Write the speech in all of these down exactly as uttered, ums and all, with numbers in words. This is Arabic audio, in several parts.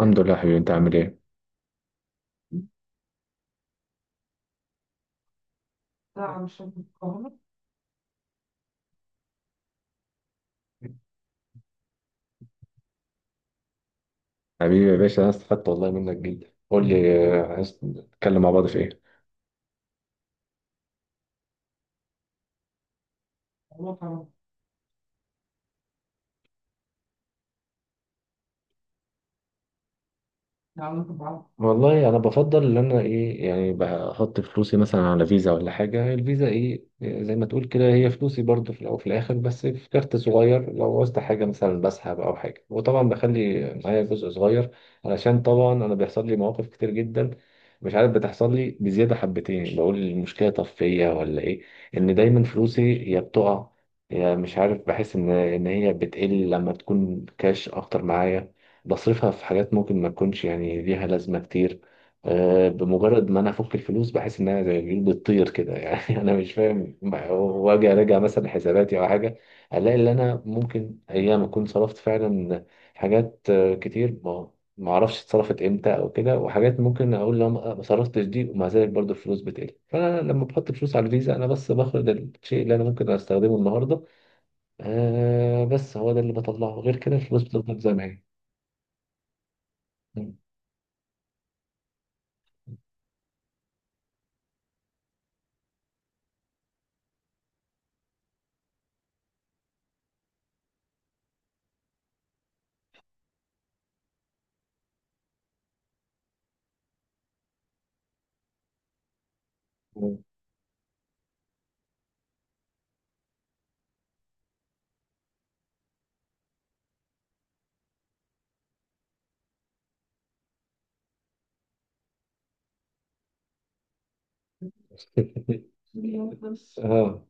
الحمد لله يا حبيبي، انت عامل ايه؟ نعم شو القاهرة. حبيبي يا باشا، انا استفدت والله منك جدا. قول لي، آه، عايز نتكلم مع بعض في ايه؟ يعلقوا ببعض والله. انا بفضل ان انا ايه، يعني بحط فلوسي مثلا على فيزا ولا حاجه. الفيزا ايه، زي ما تقول كده هي فلوسي برضو في الاول وفي الاخر، بس في كارت صغير لو عوزت حاجه مثلا بسحب او حاجه، وطبعا بخلي معايا جزء صغير علشان طبعا انا بيحصل لي مواقف كتير جدا. مش عارف، بتحصل لي بزياده حبتين، بقول المشكله طب فيا ولا ايه، ان دايما فلوسي يا بتقع يا مش عارف. بحس ان ان هي بتقل لما تكون كاش اكتر معايا، بصرفها في حاجات ممكن ما تكونش يعني ليها لازمة كتير. آه، بمجرد ما انا افك الفلوس بحس انها زي الجيل بتطير كده يعني انا مش فاهم. واجي اراجع مثلا حساباتي او حاجه، الاقي ان انا ممكن ايام اكون صرفت فعلا حاجات آه، كتير، ما ما اعرفش اتصرفت امتى او كده، وحاجات ممكن اقول لو ما ما صرفتش دي، ومع ذلك برضو الفلوس بتقل. فانا لما بحط فلوس على الفيزا، انا بس باخد الشيء اللي انا ممكن استخدمه النهارده. آه بس هو ده اللي بطلعه، غير كده الفلوس بتفضل زي ما هي. مم. اه.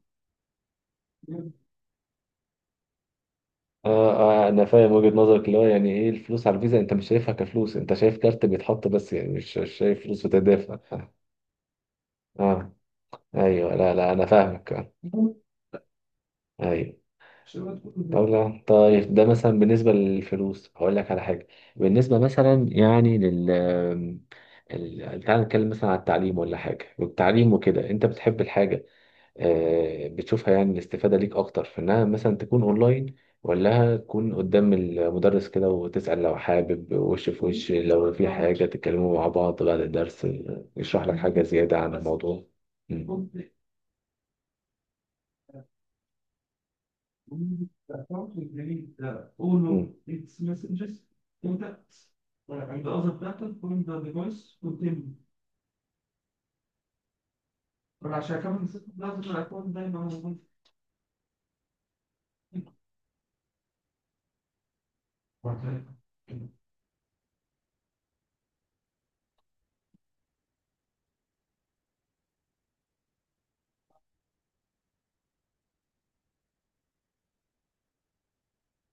اه. آه، انا فاهم وجهة نظرك، اللي هو يعني ايه الفلوس على الفيزا، انت مش شايفها كفلوس، انت شايف كارت بيتحط بس، يعني مش مش شايف فلوس بتدافع. اه. ايوه، لا لا انا فاهمك آه، ايوه. طب لا، طيب ده مثلا بالنسبة للفلوس هقول لك على حاجة. بالنسبة مثلا يعني لل ال- تعال نتكلم مثلا على التعليم ولا حاجة. والتعليم وكده انت بتحب الحاجة، آه، بتشوفها، يعني الاستفادة ليك أكتر في إنها مثلا تكون أونلاين ولا تكون قدام المدرس كده وتسأل لو حابب وش في وش؟ لو في حاجة تتكلموا مع بعض بعد الدرس، آه، يشرح لك حاجة زيادة عن الموضوع. مم. مم.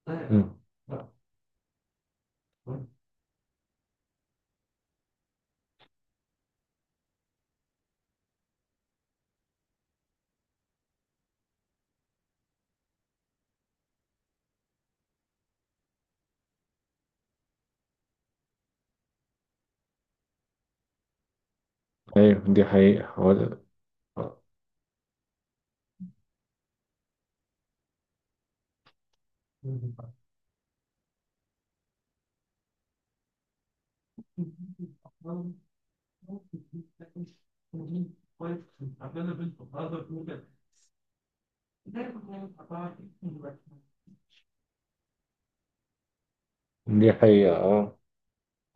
مم. أيوه، دي حقيقة. هو ده- دي حقيقة، اه.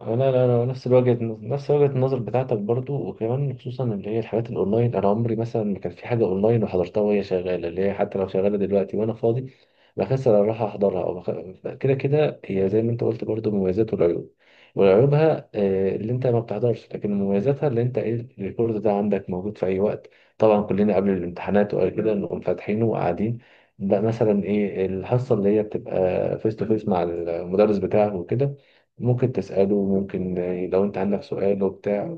لا لا لا، نفس الوجهة نفس وجهة النظر بتاعتك برضو. وكمان خصوصا اللي هي الحاجات الأونلاين، أنا عمري مثلا ما كان في حاجة أونلاين وحضرتها وهي شغالة، اللي هي حتى لو شغالة دلوقتي وأنا فاضي بكسل أروح أحضرها، أو بخ- كده كده هي زي ما أنت قلت برضو مميزات والعيوب. وعيوبها، آه، اللي أنت ما بتحضرش، لكن مميزاتها اللي أنت إيه، الريكورد ده عندك موجود في أي وقت. طبعا كلنا قبل الامتحانات وقبل كده نقوم فاتحينه وقاعدين. بقى مثلا إيه الحصة اللي هي بتبقى فيس تو فيس مع المدرس بتاعه وكده، ممكن تسأله، ممكن لو انت عندك سؤال وبتاع.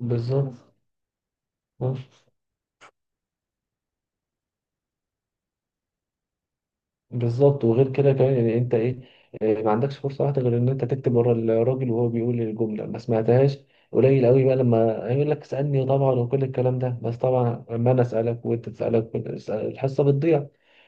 بالظبط. آه. بالظبط، وغير كده كمان يعني انت ايه، آه، ما عندكش فرصة واحدة غير ان انت تكتب ورا الراجل وهو بيقول الجملة ما سمعتهاش. قليل قوي بقى لما هيقول لك اسألني طبعا وكل الكلام ده، بس طبعا لما انا اسألك وانت تسألك، الحصة بتضيع.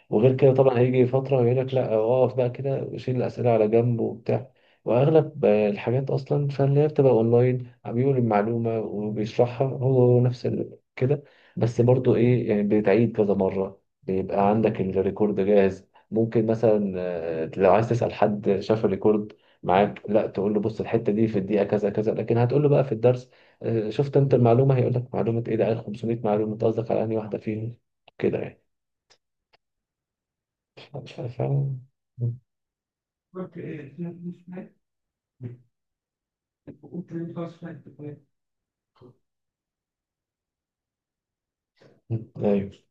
وغير كده طبعا هيجي فترة ويقول لك لا، اقف بقى كده، شيل الأسئلة على جنب وبتاع. وأغلب آه، الحاجات أصلا، فاللي هي بتبقى أونلاين عم بيقول المعلومة وبيشرحها هو نفس ال- كده. بس برضو إيه، يعني بتعيد كذا مرة، بيبقى عندك الريكورد جاهز. ممكن مثلا آه، لو عايز تسأل حد شاف الريكورد معاك، لا تقول له بص الحتة دي في الدقيقة كذا كذا، لكن هتقول له بقى في الدرس آه، شفت أنت المعلومة، هيقول لك معلومة إيه؟ ده قال خمسمية معلومة، أنت قصدك على أنهي واحدة فيهم، كده يعني. ايوه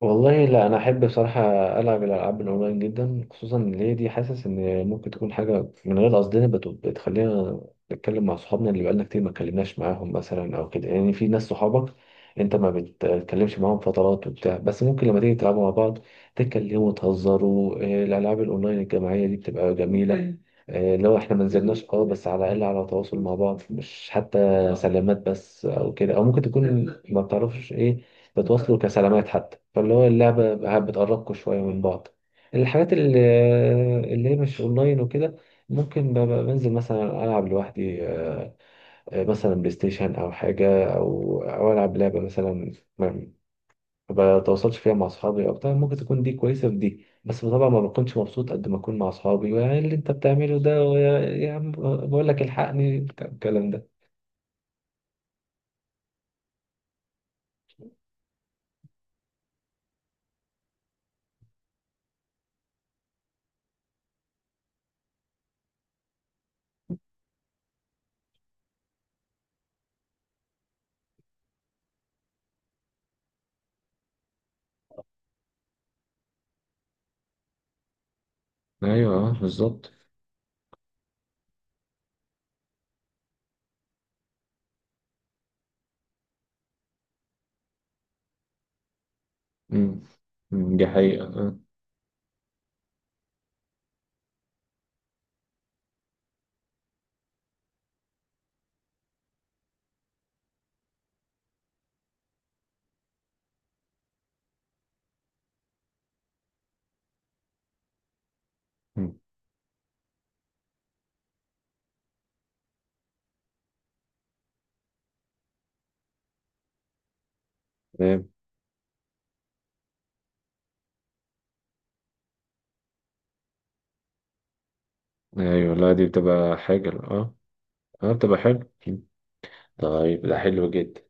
والله. لا، انا احب بصراحه العب الالعاب الاونلاين جدا، خصوصا ان هي دي حاسس ان ممكن تكون حاجه من غير قصدنا بت- بتخلينا نتكلم مع صحابنا اللي بقالنا كتير ما اتكلمناش معاهم مثلا او كده. يعني في ناس صحابك انت ما بتتكلمش معاهم فترات وبتاع، بس ممكن لما تيجي تلعبوا مع بعض تتكلموا وتهزروا. آه، الالعاب الاونلاين الجماعيه دي بتبقى جميله. أيوة. آه، لو احنا ما نزلناش، اه، بس على الاقل على تواصل مع بعض، مش حتى سلامات بس او كده، او ممكن تكون ما بتعرفش ايه، بتوصلوا كسلامات حتى، فاللي هو اللعبة بقى بتقربكوا شوية من بعض. الحاجات اللي, اللي هي مش اونلاين وكده، ممكن ببقى بنزل مثلا العب لوحدي، آه، آه، مثلا بلاي ستيشن او حاجة او او العب لعبة مثلا ما ما بتواصلش فيها مع اصحابي او بتاع. ممكن تكون دي كويسة في دي، بس طبعا ما بكونش مبسوط قد ما اكون مع اصحابي، يعني اللي انت بتعمله ده يا يا عم بقول لك الحقني بتاع الكلام ده. ايوه، آه، بالظبط. مم. مم، دي حقيقة آه. مم. ايوه، لا دي بتبقى حاجة، اه. اه بتبقى حلو. طيب، ده حلو جدا.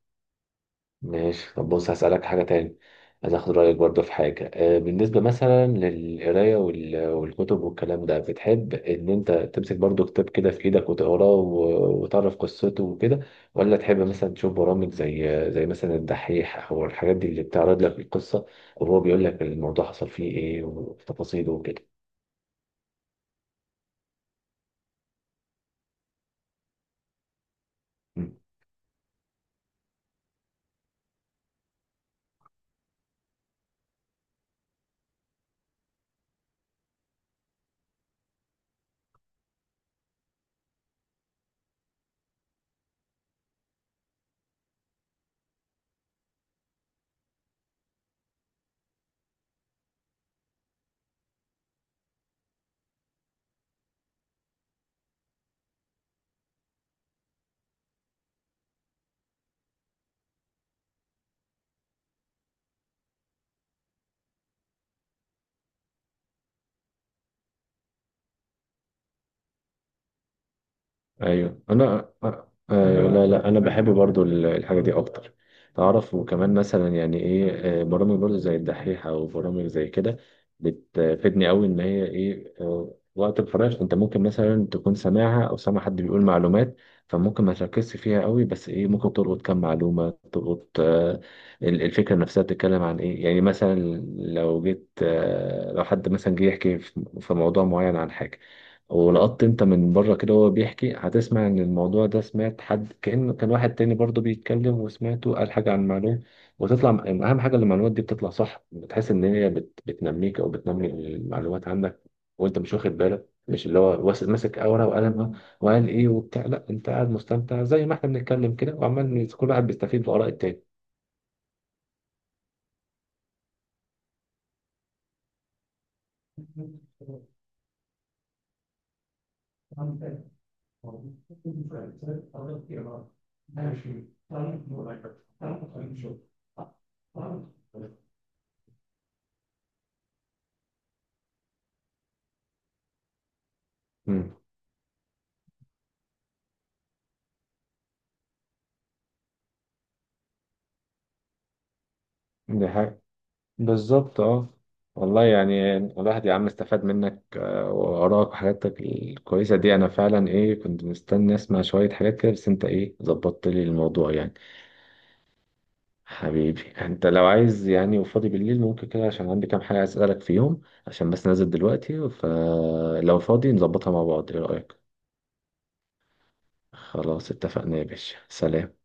ماشي. طب بص هسألك حاجة تاني، عايز اخد رأيك برضه في حاجة، آه، بالنسبة مثلا للقراية وال- والكتب والكلام ده، بتحب ان انت تمسك برضه كتاب كده في ايدك وتقراه و- وتعرف قصته وكده؟ ولا تحب مثلا تشوف برامج زي زي مثلا الدحيح او الحاجات دي اللي بتعرض لك القصة، وهو بيقول لك الموضوع حصل فيه ايه وتفاصيله وكده؟ ايوه انا، ايوه لا لا، انا بحب برضو ال- الحاجه دي اكتر. تعرف، وكمان مثلا يعني ايه، آه، برامج برضو زي الدحيح او برامج زي كده بتفيدني قوي، ان هي ايه، آه، وقت الفراغ انت ممكن مثلا تكون سامعها او سامع حد بيقول معلومات، فممكن ما تركزش فيها قوي، بس ايه ممكن تلقط كام معلومه، تلقط آه، ال- الفكره نفسها بتتكلم عن ايه، يعني مثلا لو جيت، آه، لو حد مثلا جه يحكي في في موضوع معين عن حاجه، ولقطت انت من بره كده وهو بيحكي، هتسمع ان الموضوع ده سمعت حد كأنه كان واحد تاني برضه بيتكلم وسمعته قال حاجة عن المعلومة، وتطلع. اهم حاجة إن المعلومات دي بتطلع صح، بتحس ان هي بت... بتنميك او بتنمي المعلومات عندك وانت مش واخد بالك، مش اللي هو واس- ماسك ورقة وقلم، ها، وقال ايه وبتاع. لا، انت قاعد مستمتع زي ما احنا بنتكلم كده، وعمال كل واحد بيستفيد بآراء التاني. امم. بالظبط، اه. والله يعني الواحد يا عم استفاد منك، آه، وآرائك وحاجاتك الكويسة دي، أنا فعلا إيه، كنت مستني أسمع شوية حاجات كده، بس أنت إيه ظبطت لي الموضوع يعني. حبيبي، أنت لو عايز يعني وفاضي بالليل، ممكن كده عشان عندي كام حاجة عايز أسألك فيهم، عشان بس نازل دلوقتي، فلو فاضي نظبطها مع بعض، إيه رأيك؟ خلاص اتفقنا يا باشا، سلام.